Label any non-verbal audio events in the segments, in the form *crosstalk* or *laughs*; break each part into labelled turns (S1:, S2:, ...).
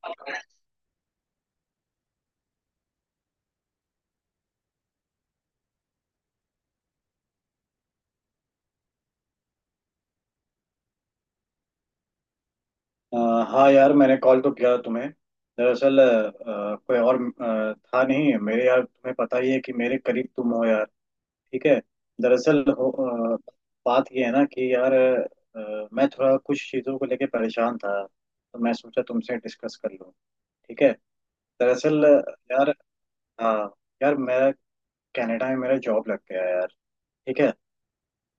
S1: अ, हाँ यार, मैंने कॉल तो किया था तुम्हें। दरअसल कोई और था नहीं मेरे यार, तुम्हें पता ही है कि मेरे करीब तुम हो यार। ठीक है। दरअसल हो। अ, बात ये है ना कि यार मैं थोड़ा कुछ चीज़ों को लेके परेशान था, तो मैं सोचा तुमसे डिस्कस कर लूँ। ठीक है। दरअसल यार। हाँ यार, मेरा कनाडा में मेरा जॉब लग गया है यार। ठीक है।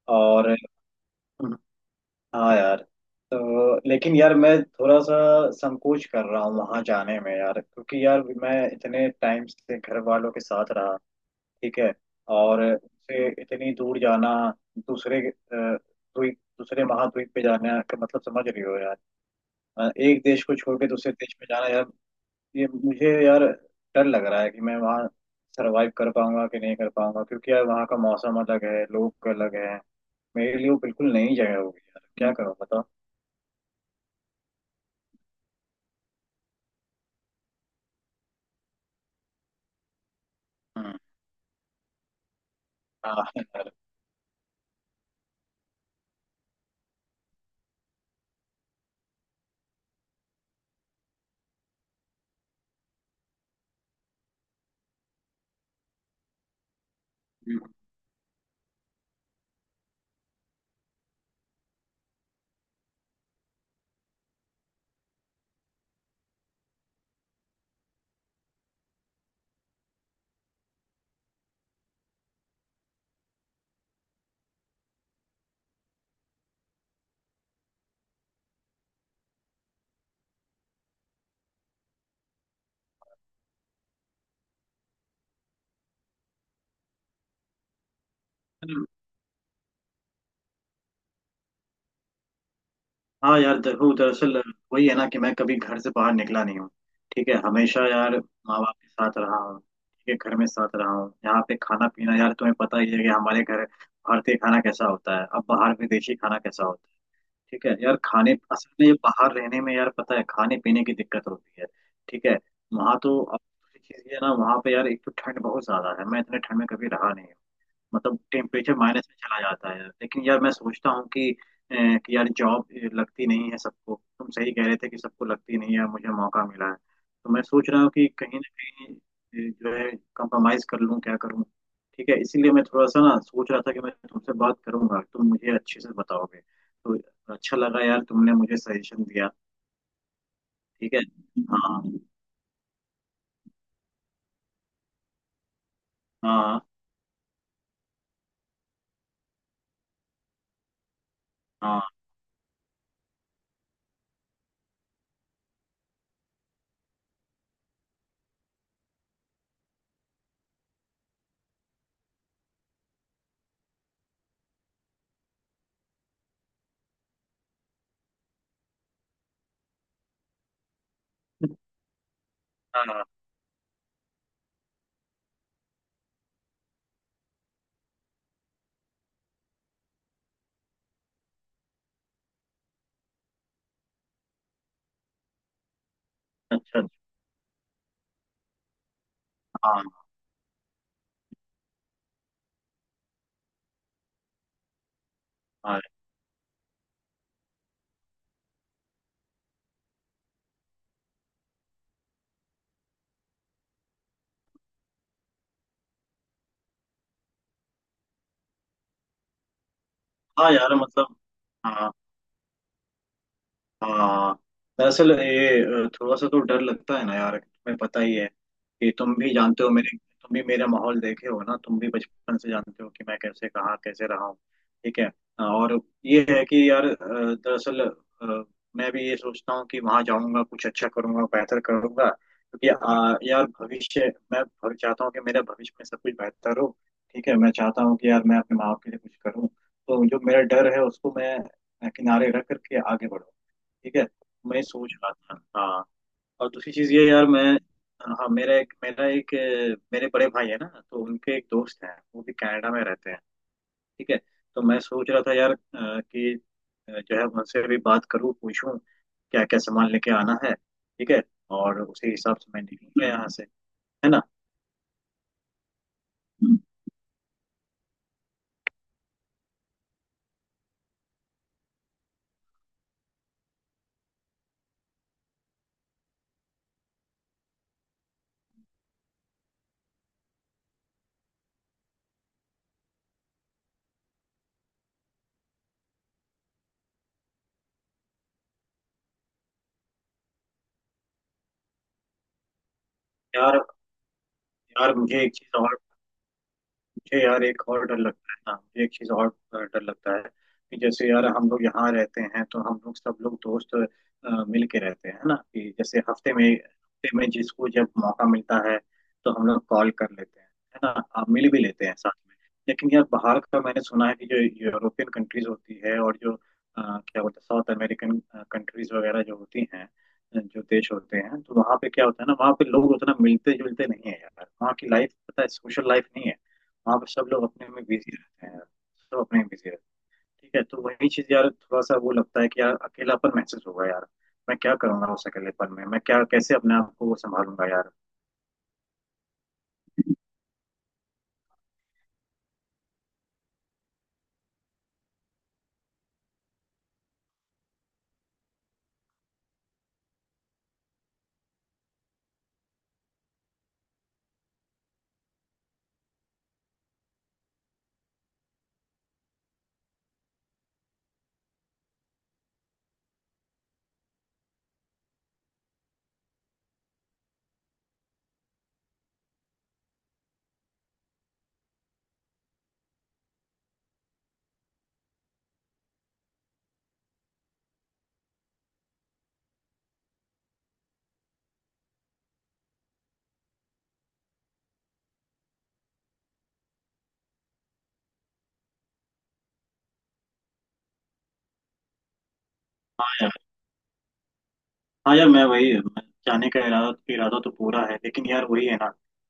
S1: और हाँ यार, तो लेकिन यार मैं थोड़ा सा संकोच कर रहा हूँ वहां जाने में यार, क्योंकि यार मैं इतने टाइम से घर वालों के साथ रहा। ठीक है। और से इतनी दूर जाना, दूसरे अ, द्वीप दूसरे महाद्वीप पे जाना का मतलब समझ रही हो यार। एक देश को छोड़ के दूसरे देश में जाना यार। ये मुझे यार डर लग रहा है कि मैं वहाँ सरवाइव कर पाऊंगा कि नहीं कर पाऊंगा, क्योंकि यार वहाँ का मौसम अलग है, लोग अलग है। मेरे लिए वो बिल्कुल नई जगह होगी यार। क्या करूँ बताओ। हम्म। हाँ हाँ। यार देखो, दरअसल वही है ना कि मैं कभी घर से बाहर निकला नहीं हूँ। ठीक है, हमेशा यार माँ बाप के साथ रहा हूँ, ठीक है, घर में साथ रहा हूँ, यहाँ पे खाना पीना, यार तुम्हें पता ही है कि हमारे घर भारतीय खाना कैसा होता है, अब बाहर विदेशी खाना कैसा होता है। ठीक है यार, खाने असल में ये बाहर रहने में यार पता है खाने पीने की दिक्कत होती है। ठीक है। वहाँ तो अब चीज़ ये है ना, वहाँ पे यार एक तो ठंड बहुत ज्यादा है, मैं इतने ठंड में कभी रहा नहीं। मतलब टेम्परेचर माइनस में चला जाता है, लेकिन यार मैं सोचता हूँ कि यार जॉब लगती नहीं है सबको, तुम सही कह रहे थे कि सबको लगती नहीं है, मुझे मौका मिला है। तो मैं सोच रहा हूँ कि कहीं ना कहीं जो है कंप्रोमाइज कर लूँ, क्या करूँ। ठीक है, इसीलिए मैं थोड़ा सा ना सोच रहा था कि मैं तुमसे बात करूंगा, तुम मुझे अच्छे से बताओगे, तो अच्छा लगा यार तुमने मुझे सजेशन दिया। ठीक है। हाँ हाँ हाँ। *laughs* हाँ। अच्छा अच्छा। हाँ हाँ। हाँ यार मतलब। हाँ हाँ। दरअसल ये थोड़ा सा तो डर लगता है ना यार, तुम्हें पता ही है कि तुम भी जानते हो मेरे, तुम भी मेरा माहौल देखे हो ना, तुम भी बचपन से जानते हो कि मैं कैसे कहाँ कैसे रहा हूँ। ठीक है। और ये है कि यार दरअसल मैं भी ये सोचता हूँ कि वहाँ जाऊँगा, कुछ अच्छा करूँगा, बेहतर करूँगा, क्योंकि यार चाहता हूँ कि मेरा भविष्य में सब कुछ बेहतर हो। ठीक है, मैं चाहता हूँ कि यार मैं अपने माँ बाप के लिए कुछ करूँ, तो जो मेरा डर है उसको मैं किनारे रख करके आगे बढ़ूँ। ठीक है। मैं सोच रहा था, हाँ। और दूसरी चीज़ ये यार मैं, हाँ, मेरा एक मेरे बड़े भाई है ना, तो उनके एक दोस्त हैं, वो भी कनाडा में रहते हैं। ठीक है। तो मैं सोच रहा था यार कि जो है उनसे भी बात करूँ, पूछूं क्या क्या सामान लेके आना है। ठीक है। और उसी हिसाब से मैं निकलूंगा यहाँ से। है ना। यार, यार मुझे एक चीज़ और, मुझे यार एक और डर लगता है, हाँ मुझे एक चीज़ और डर लगता है कि जैसे यार हम लोग यहाँ रहते हैं, तो हम लोग सब लोग दोस्त मिल के रहते हैं ना, कि जैसे हफ्ते में जिसको जब मौका मिलता है तो हम लोग कॉल कर लेते हैं। है ना। आप मिल भी लेते हैं साथ में। लेकिन यार बाहर का मैंने सुना है कि जो यूरोपियन कंट्रीज होती है, और जो क्या बोलते हैं, साउथ अमेरिकन कंट्रीज वगैरह जो होती हैं, जो देश होते हैं, तो वहाँ पे क्या होता है ना, वहाँ पे लोग उतना मिलते जुलते नहीं है यार, वहाँ की लाइफ पता है, सोशल लाइफ नहीं है। हाँ, बस सब लोग अपने में बिजी रहते हैं यार। सब अपने में बिजी रहते हैं, ठीक है, तो वही चीज़ यार थोड़ा सा वो लगता है कि यार अकेलापन महसूस होगा यार। मैं क्या करूंगा उस अकेलेपन में, मैं क्या कैसे अपने आप को संभालूंगा। यार। हाँ यार, मैं जाने का इरादा इरादा तो पूरा है, लेकिन यार वही है ना,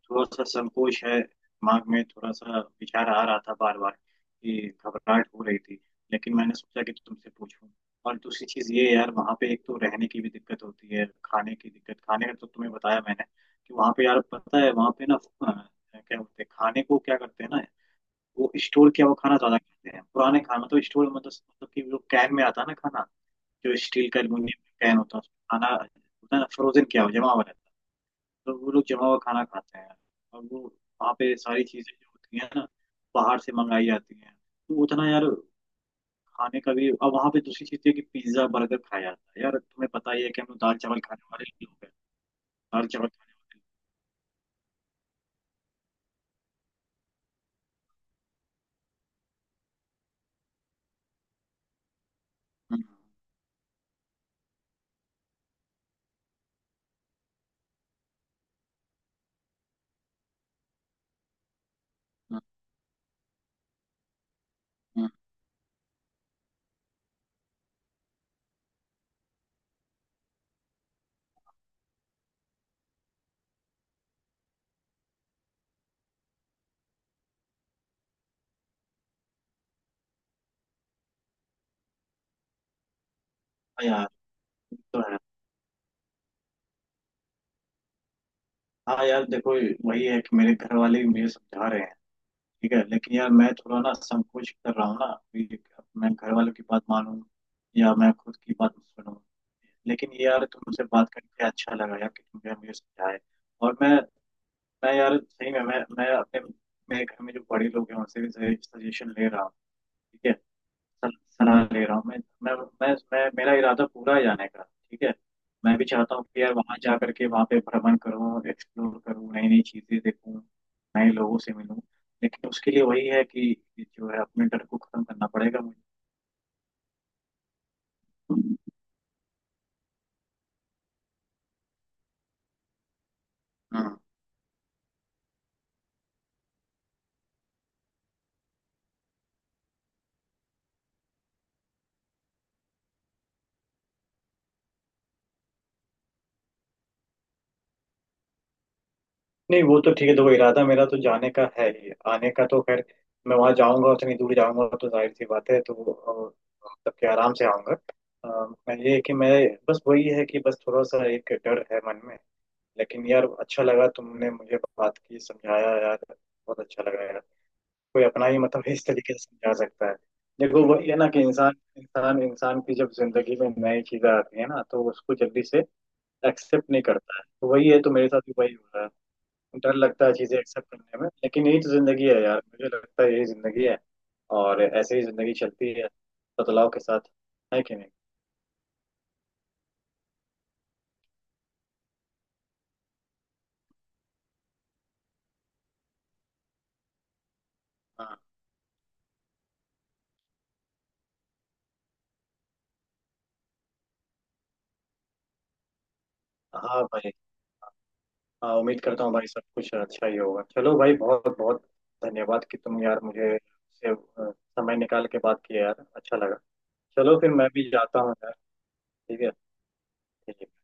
S1: थोड़ा सा संकोच है दिमाग में, थोड़ा सा विचार आ रहा था बार बार कि घबराहट हो रही थी। लेकिन मैंने सोचा कि तो तुमसे पूछूं। और दूसरी चीज़ ये है यार, वहाँ पे एक तो रहने की भी दिक्कत होती है, खाने की दिक्कत, खाने का तो तुम्हें बताया मैंने। कि वहाँ पे यार पता है, वहाँ पे ना क्या बोलते हैं खाने को, क्या करते हैं ना, वो स्टोर किया हुआ खाना ज्यादा खाते हैं, पुराने खाना, मतलब स्टोर मतलब कि वो कैन में आता है ना खाना, जो स्टील का एल्यूमिनियम कैन होता है, उसमें खाना होता है ना, फ्रोजन क्या हो, जमा हुआ रहता है। तो वो लोग जमा हुआ खाना खाते हैं। और वो वहाँ पे सारी चीजें जो होती हैं ना बाहर से मंगाई जाती हैं। तो उतना यार खाने का भी, अब वहाँ पे दूसरी चीज है कि पिज्जा बर्गर खाया जाता है, यार तुम्हें पता ही है कि हम लोग दाल चावल खाने वाले लोग हैं। दाल चावल खाने वाले। हम्म। हम्म। हम्म। हाँ यार तो है। हाँ यार देखो, वही है कि मेरे घर वाले भी मुझे समझा रहे हैं। ठीक है, लेकिन यार मैं थोड़ा ना संकोच कर रहा हूँ ना कि मैं घर वालों की बात मानूं या मैं खुद की बात सुनूं। लेकिन ये यार तुमसे बात करके अच्छा लगा यार कि तुमने मुझे समझाया। और मैं यार सही में, मैं अपने, मेरे घर में जो बड़े लोग हैं उनसे भी सजेशन ले रहा हूँ। ठीक है। सलाह ले रहा हूँ मैं मैं मेरा इरादा पूरा है जाने का। ठीक है। मैं भी चाहता हूँ कि यार वहाँ जा करके, वहाँ पे भ्रमण करूँ, एक्सप्लोर करूँ, नई नई चीज़ें देखूँ, नए लोगों से मिलूँ। लेकिन उसके लिए वही है कि जो है, अपने डर को खत्म करना पड़ेगा मुझे। हाँ। नहीं वो तो ठीक है, देखो इरादा मेरा तो जाने का है ही, आने का तो खैर, मैं वहां जाऊंगा, उतनी दूर जाऊंगा तो जाहिर सी बात है, तो मतलब कि आराम से आऊंगा। मैं ये है कि मैं, बस वही है कि बस थोड़ा सा एक डर है मन में। लेकिन यार अच्छा लगा, तुमने मुझे बात की, समझाया यार, बहुत अच्छा लगा यार। कोई अपना ही मतलब इस तरीके से समझा सकता है। देखो वही है ना कि इंसान इंसान इंसान की जब जिंदगी में नई चीजें आती है ना, तो उसको जल्दी से एक्सेप्ट नहीं करता है, तो वही है, तो मेरे साथ भी वही हो रहा है। डर लगता है चीजें एक्सेप्ट करने में, लेकिन यही तो जिंदगी है यार, मुझे लगता है यही जिंदगी है। और ऐसे ही जिंदगी चलती है बदलाव के साथ। है कि नहीं। हाँ हाँ भाई। हाँ, उम्मीद करता हूँ भाई सब कुछ अच्छा ही होगा। चलो भाई, बहुत बहुत धन्यवाद कि तुम यार मुझे से समय निकाल के बात किया यार, अच्छा लगा। चलो फिर मैं भी जाता हूँ यार। ठीक है। ठीक है।